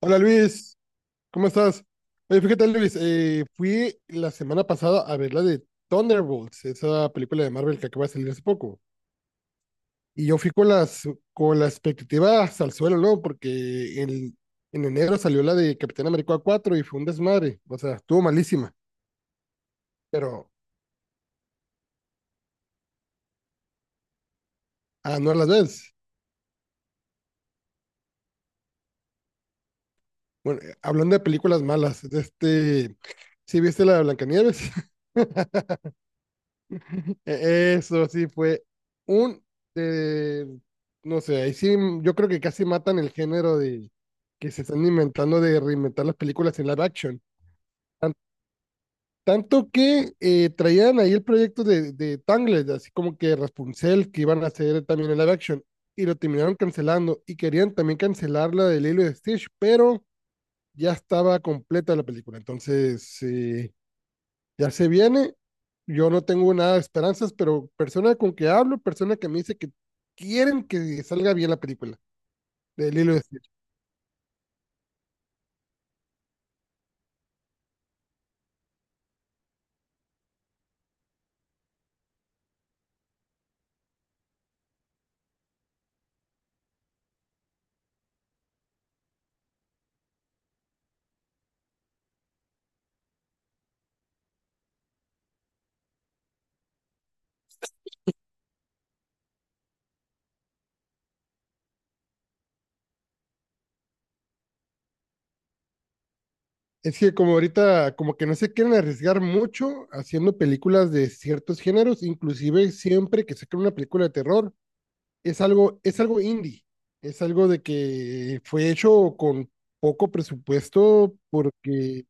Hola Luis, ¿cómo estás? Oye, fíjate Luis, fui la semana pasada a ver la de Thunderbolts, esa película de Marvel que acaba de salir hace poco. Y yo fui con las expectativas al suelo, ¿no? En enero salió la de Capitán América 4 y fue un desmadre. O sea, estuvo malísima, pero a no las ves. Bueno, hablando de películas malas, ¿sí viste la de Blancanieves? Eso sí fue un, eh, no sé, ahí sí yo creo que casi matan el género de que se están inventando de reinventar las películas en live action. Tan- tanto que traían ahí el proyecto de Tangled, así como que Rapunzel, que iban a hacer también en live action, y lo terminaron cancelando, y querían también cancelar la de Lilo y Stitch, pero ya estaba completa la película, entonces... ya se viene. Yo no tengo nada de esperanzas, pero persona con que hablo, persona que me dice que quieren que salga bien la película de Lilo y Stitch. Es que como ahorita, como que no se quieren arriesgar mucho haciendo películas de ciertos géneros, inclusive siempre que sacan una película de terror, es algo indie, es algo de que fue hecho con poco presupuesto porque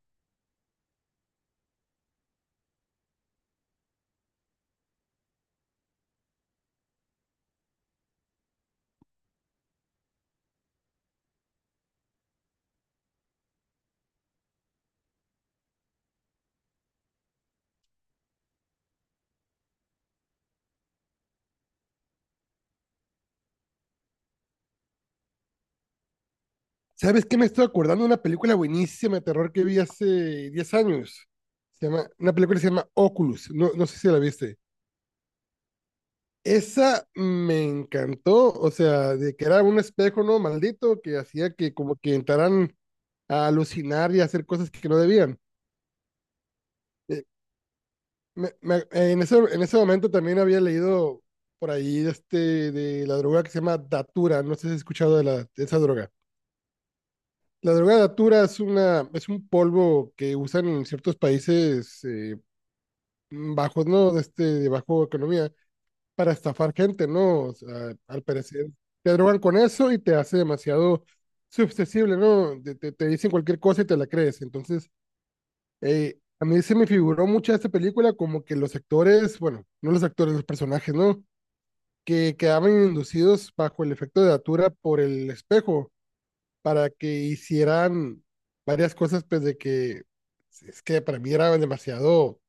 ¿sabes qué? Me estoy acordando de una película buenísima de terror que vi hace 10 años. Una película que se llama Oculus. No, no sé si la viste. Esa me encantó. O sea, de que era un espejo, ¿no? Maldito, que hacía que como que entraran a alucinar y a hacer cosas que no debían. Eh, en ese, en ese momento también había leído por ahí de de la droga que se llama Datura. No sé si has escuchado de esa droga. La droga datura es una, es un polvo que usan en ciertos países bajos, ¿no? De de bajo economía, para estafar gente, ¿no? O sea, al parecer te drogan con eso y te hace demasiado susceptible, ¿no? Te dicen cualquier cosa y te la crees. Entonces, a mí se me figuró mucho esta película como que los actores, bueno, no los actores, los personajes, ¿no? Que quedaban inducidos bajo el efecto de datura por el espejo para que hicieran varias cosas, pues de que es que para mí era demasiado,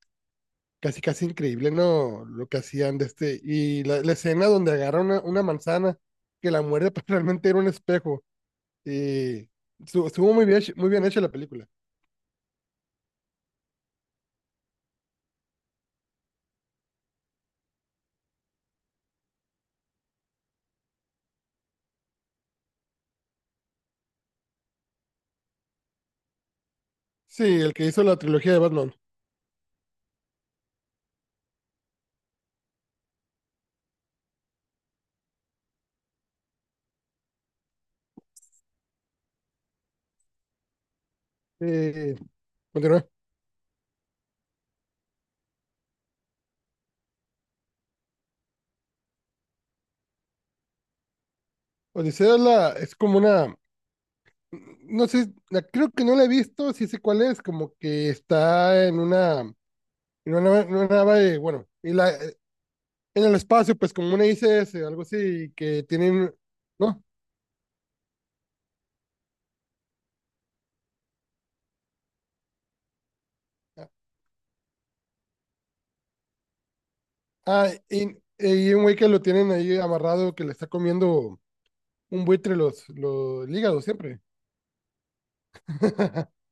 casi casi increíble, ¿no? Lo que hacían de y la escena donde agarra una manzana que la muerde, pues realmente era un espejo, y estuvo muy bien, muy bien hecha la película. Sí, el que hizo la trilogía de Batman. Eh, continúa. Odisea es, la, es como una, no sé, creo que no la he visto, sí sé cuál es, como que está en una, en una nave, bueno, y la, en el espacio, pues como una ICS, algo así, que tienen, ¿no? Ah, y un güey que lo tienen ahí amarrado, que le está comiendo un buitre los el hígado siempre.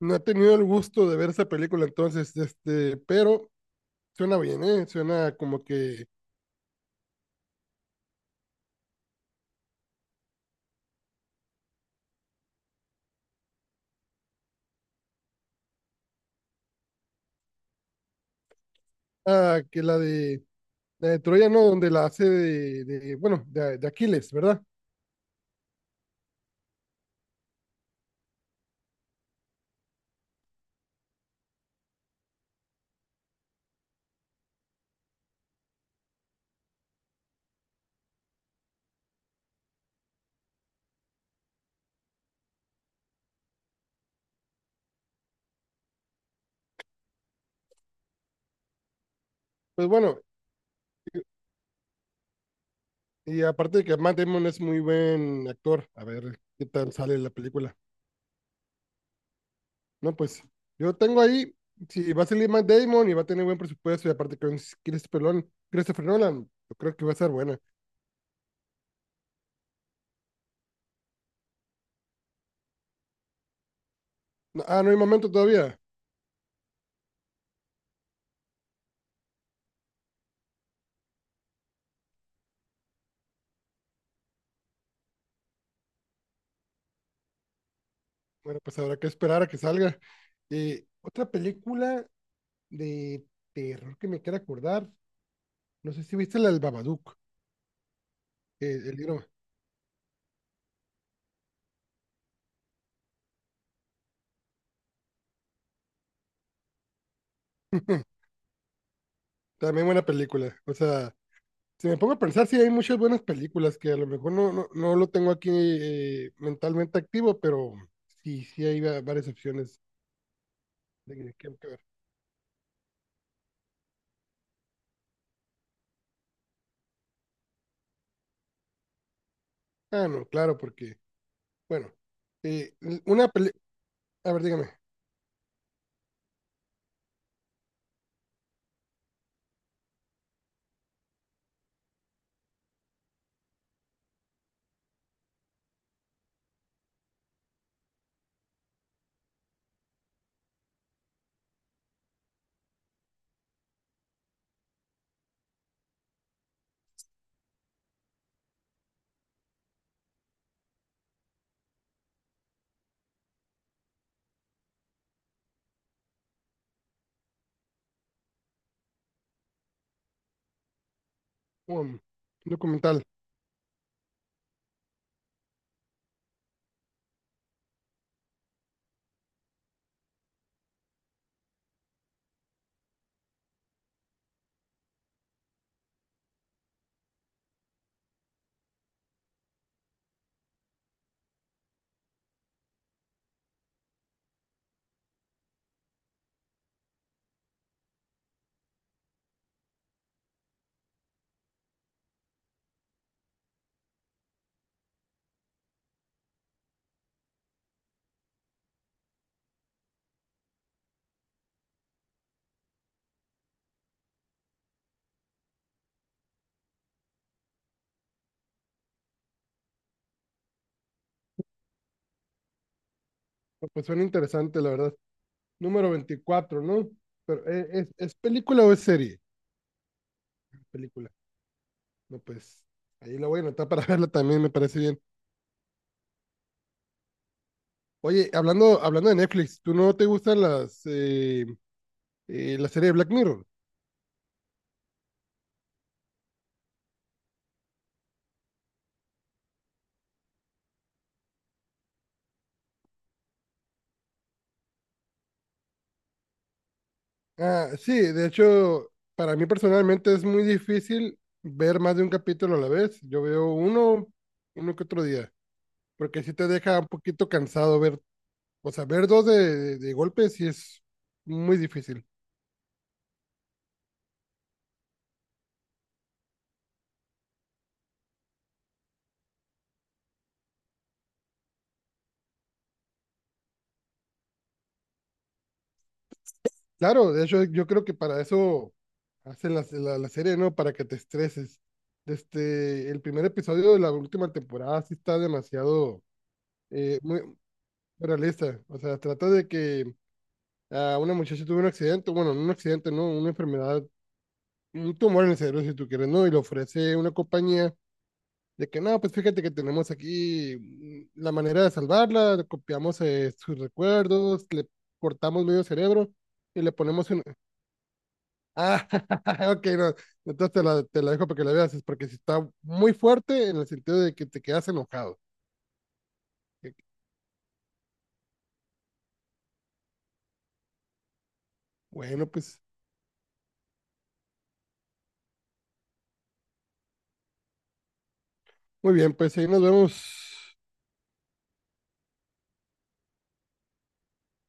No he tenido el gusto de ver esa película entonces, pero suena bien, ¿eh? Suena como que, ah, la de Troya, ¿no? Donde la hace de bueno, de Aquiles, ¿verdad? Pues bueno, y, y aparte de que Matt Damon es muy buen actor, a ver qué tal sale la película. No, pues yo tengo ahí, si va a salir Matt Damon y va a tener buen presupuesto y aparte con Christopher Nolan, yo creo que va a ser buena. Ah, no hay momento todavía. Bueno, pues habrá que esperar a que salga. Otra película de terror que me quiera acordar, no sé si viste la del Babadook, el libro. También buena película. O sea, si me pongo a pensar, sí hay muchas buenas películas que a lo mejor no lo tengo aquí mentalmente activo, pero sí, sí hay varias opciones de que, que ah, no, claro, porque, bueno, una peli... A ver, dígame, un documental. No, pues suena interesante, la verdad. Número 24, ¿no? Pero, es película o es serie? Película. No, pues, ahí la voy a anotar para verla también, me parece bien. Oye, hablando de Netflix, ¿tú no te gustan la serie de Black Mirror? Ah, sí, de hecho, para mí personalmente es muy difícil ver más de un capítulo a la vez. Yo veo uno, uno que otro día, porque sí te deja un poquito cansado ver, o sea, ver dos de de golpe sí es muy difícil. Claro, de hecho yo creo que para eso hacen la serie, ¿no? Para que te estreses. Este, el primer episodio de la última temporada sí está demasiado muy realista. O sea, trata de que a una muchacha tuvo un accidente, bueno, no un accidente, no, una enfermedad, un tumor en el cerebro, si tú quieres, ¿no? Y le ofrece una compañía. De que no, pues fíjate que tenemos aquí la manera de salvarla, le copiamos sus recuerdos, le cortamos medio cerebro y le ponemos un... Ah, ok, no. Te la dejo para que la veas, es porque si está muy fuerte en el sentido de que te quedas enojado. Que- bueno, pues muy bien, pues ahí nos vemos.